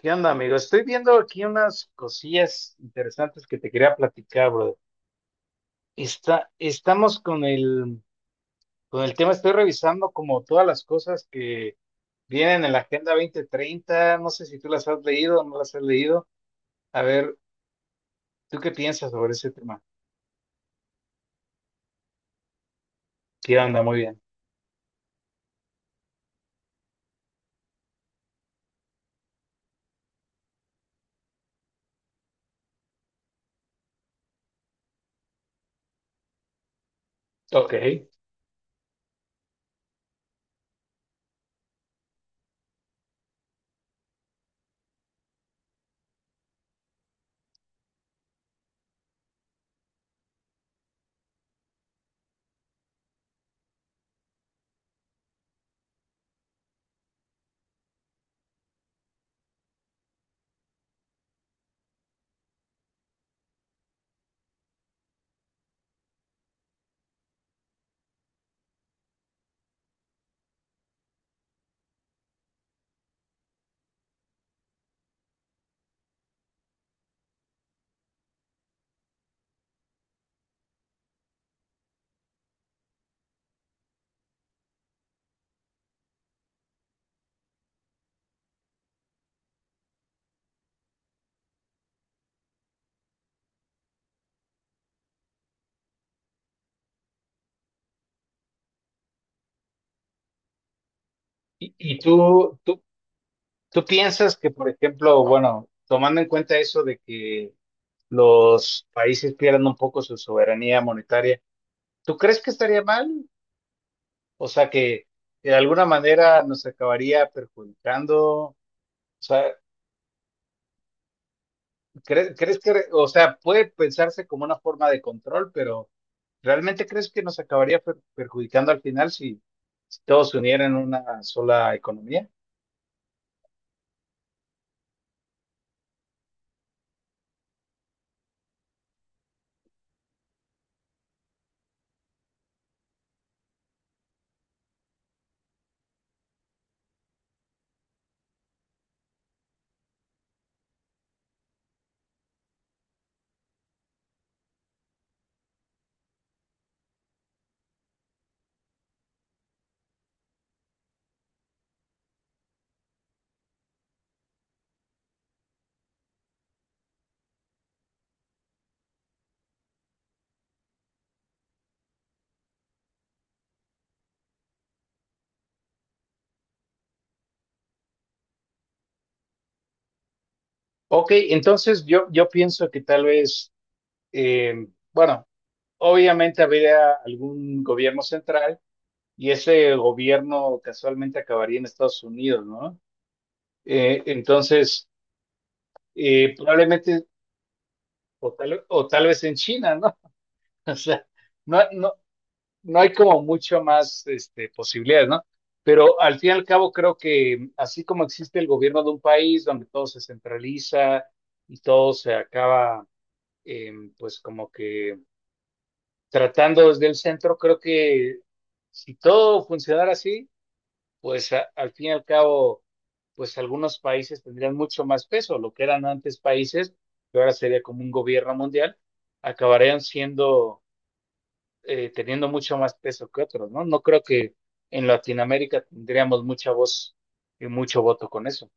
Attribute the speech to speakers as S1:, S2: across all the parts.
S1: ¿Qué onda, amigo? Estoy viendo aquí unas cosillas interesantes que te quería platicar, brother. Estamos con el tema, estoy revisando como todas las cosas que vienen en la Agenda 2030. No sé si tú las has leído o no las has leído. A ver, ¿tú qué piensas sobre ese tema? ¿Qué onda? Muy bien. Ok. ¿Y tú piensas que, por ejemplo, bueno, tomando en cuenta eso de que los países pierdan un poco su soberanía monetaria, ¿tú crees que estaría mal? O sea que, de alguna manera nos acabaría perjudicando. O sea, o sea, puede pensarse como una forma de control, pero ¿realmente crees que nos acabaría perjudicando al final si, si todos se unieran en una sola economía? Ok, entonces yo pienso que tal vez, eh, bueno, obviamente habría algún gobierno central y ese gobierno casualmente acabaría en Estados Unidos, ¿no? Entonces, probablemente o tal vez en China, ¿no? O sea, no, no, no hay como mucho más este, posibilidades, ¿no? Pero al fin y al cabo creo que así como existe el gobierno de un país donde todo se centraliza y todo se acaba, eh, pues como que tratando desde el centro, creo que si todo funcionara así, pues al fin y al cabo, pues algunos países tendrían mucho más peso, lo que eran antes países, que ahora sería como un gobierno mundial, acabarían siendo teniendo mucho más peso que otros, ¿no? No creo que en Latinoamérica tendríamos mucha voz y mucho voto con eso.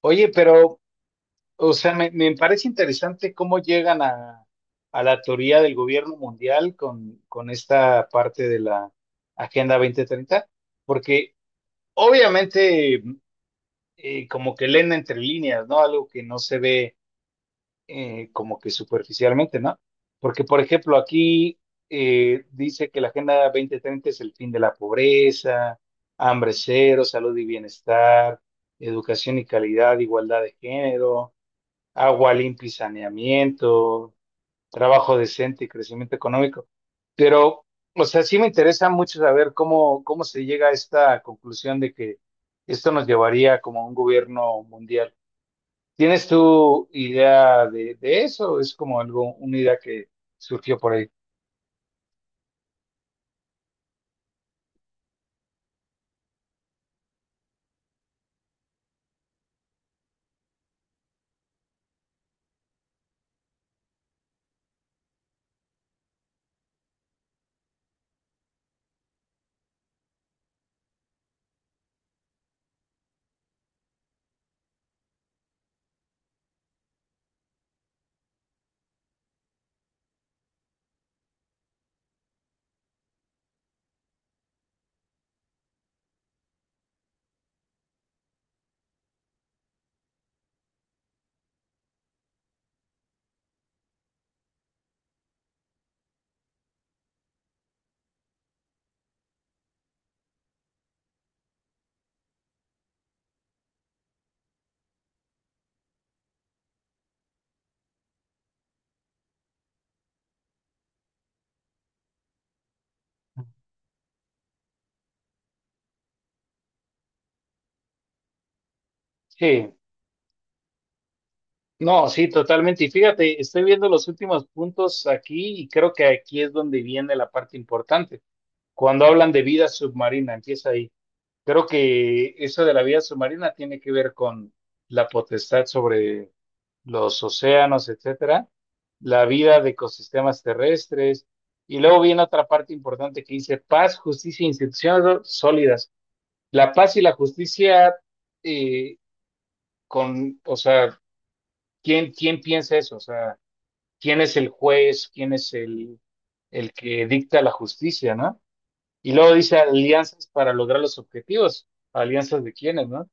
S1: Oye, pero, o sea, me parece interesante cómo llegan a, la teoría del gobierno mundial con, esta parte de la Agenda 2030, porque obviamente como que leen entre líneas, ¿no? Algo que no se ve como que superficialmente, ¿no? Porque, por ejemplo, aquí dice que la Agenda 2030 es el fin de la pobreza, hambre cero, salud y bienestar, educación y calidad, igualdad de género, agua limpia y saneamiento, trabajo decente y crecimiento económico. Pero, o sea, sí me interesa mucho saber cómo, cómo se llega a esta conclusión de que esto nos llevaría como a un gobierno mundial. ¿Tienes tu idea de, eso? Es como algo, una idea que surgió por ahí. Sí, no, sí, totalmente. Y fíjate, estoy viendo los últimos puntos aquí y creo que aquí es donde viene la parte importante. Cuando hablan de vida submarina, empieza ahí. Creo que eso de la vida submarina tiene que ver con la potestad sobre los océanos, etcétera, la vida de ecosistemas terrestres. Y luego viene otra parte importante que dice paz, justicia e instituciones sólidas. La paz y la justicia, eh, o sea, ¿quién piensa eso? O sea, ¿quién es el juez? ¿Quién es el que dicta la justicia, ¿no? Y luego dice alianzas para lograr los objetivos. ¿Alianzas de quiénes, no?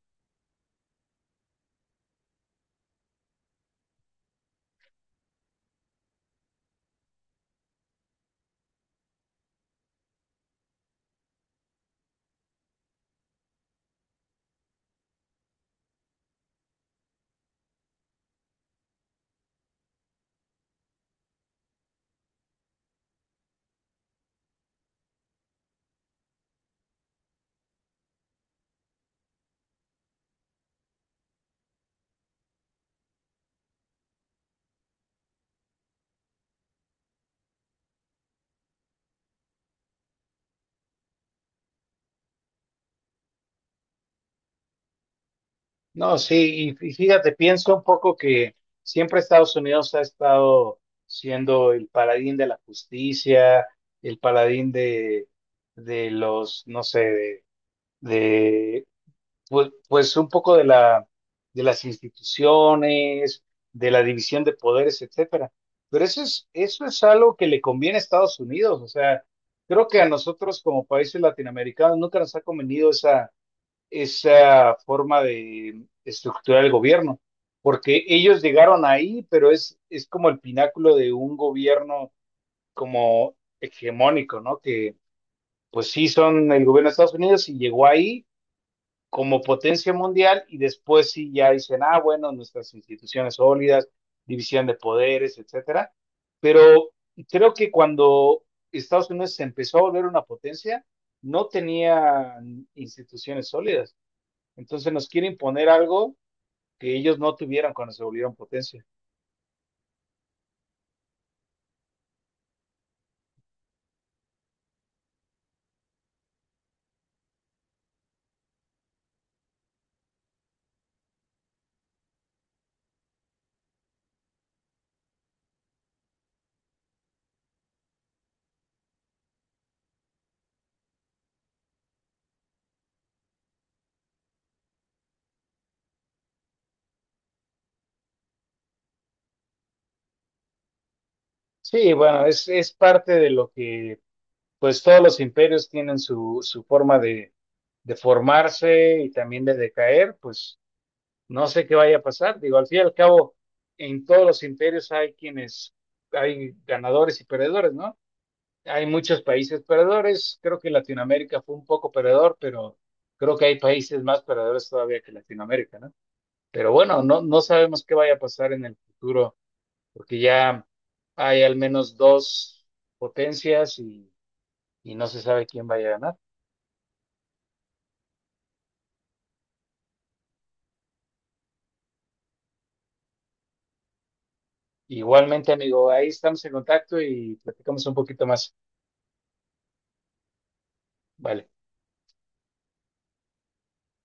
S1: No, sí, y fíjate, pienso un poco que siempre Estados Unidos ha estado siendo el paladín de la justicia, el paladín de, los, no sé, de, pues un poco de la, de las instituciones, de la división de poderes, etcétera. Pero eso es algo que le conviene a Estados Unidos. O sea, creo que a nosotros como países latinoamericanos nunca nos ha convenido esa forma de estructurar el gobierno, porque ellos llegaron ahí, pero es como el pináculo de un gobierno como hegemónico, ¿no? Que pues sí son el gobierno de Estados Unidos y llegó ahí como potencia mundial y después sí ya dicen, ah, bueno, nuestras instituciones sólidas, división de poderes, etcétera. Pero creo que cuando Estados Unidos se empezó a volver una potencia, no tenía instituciones sólidas. Entonces nos quieren imponer algo que ellos no tuvieron cuando se volvieron potencia. Sí, bueno, es parte de lo que, pues todos los imperios tienen su forma de, formarse y también de decaer, pues no sé qué vaya a pasar. Digo, al fin y al cabo, en todos los imperios hay ganadores y perdedores, ¿no? Hay muchos países perdedores. Creo que Latinoamérica fue un poco perdedor, pero creo que hay países más perdedores todavía que Latinoamérica, ¿no? Pero bueno, no sabemos qué vaya a pasar en el futuro, porque ya hay al menos dos potencias y no se sabe quién vaya a ganar. Igualmente, amigo, ahí estamos en contacto y platicamos un poquito más. Vale.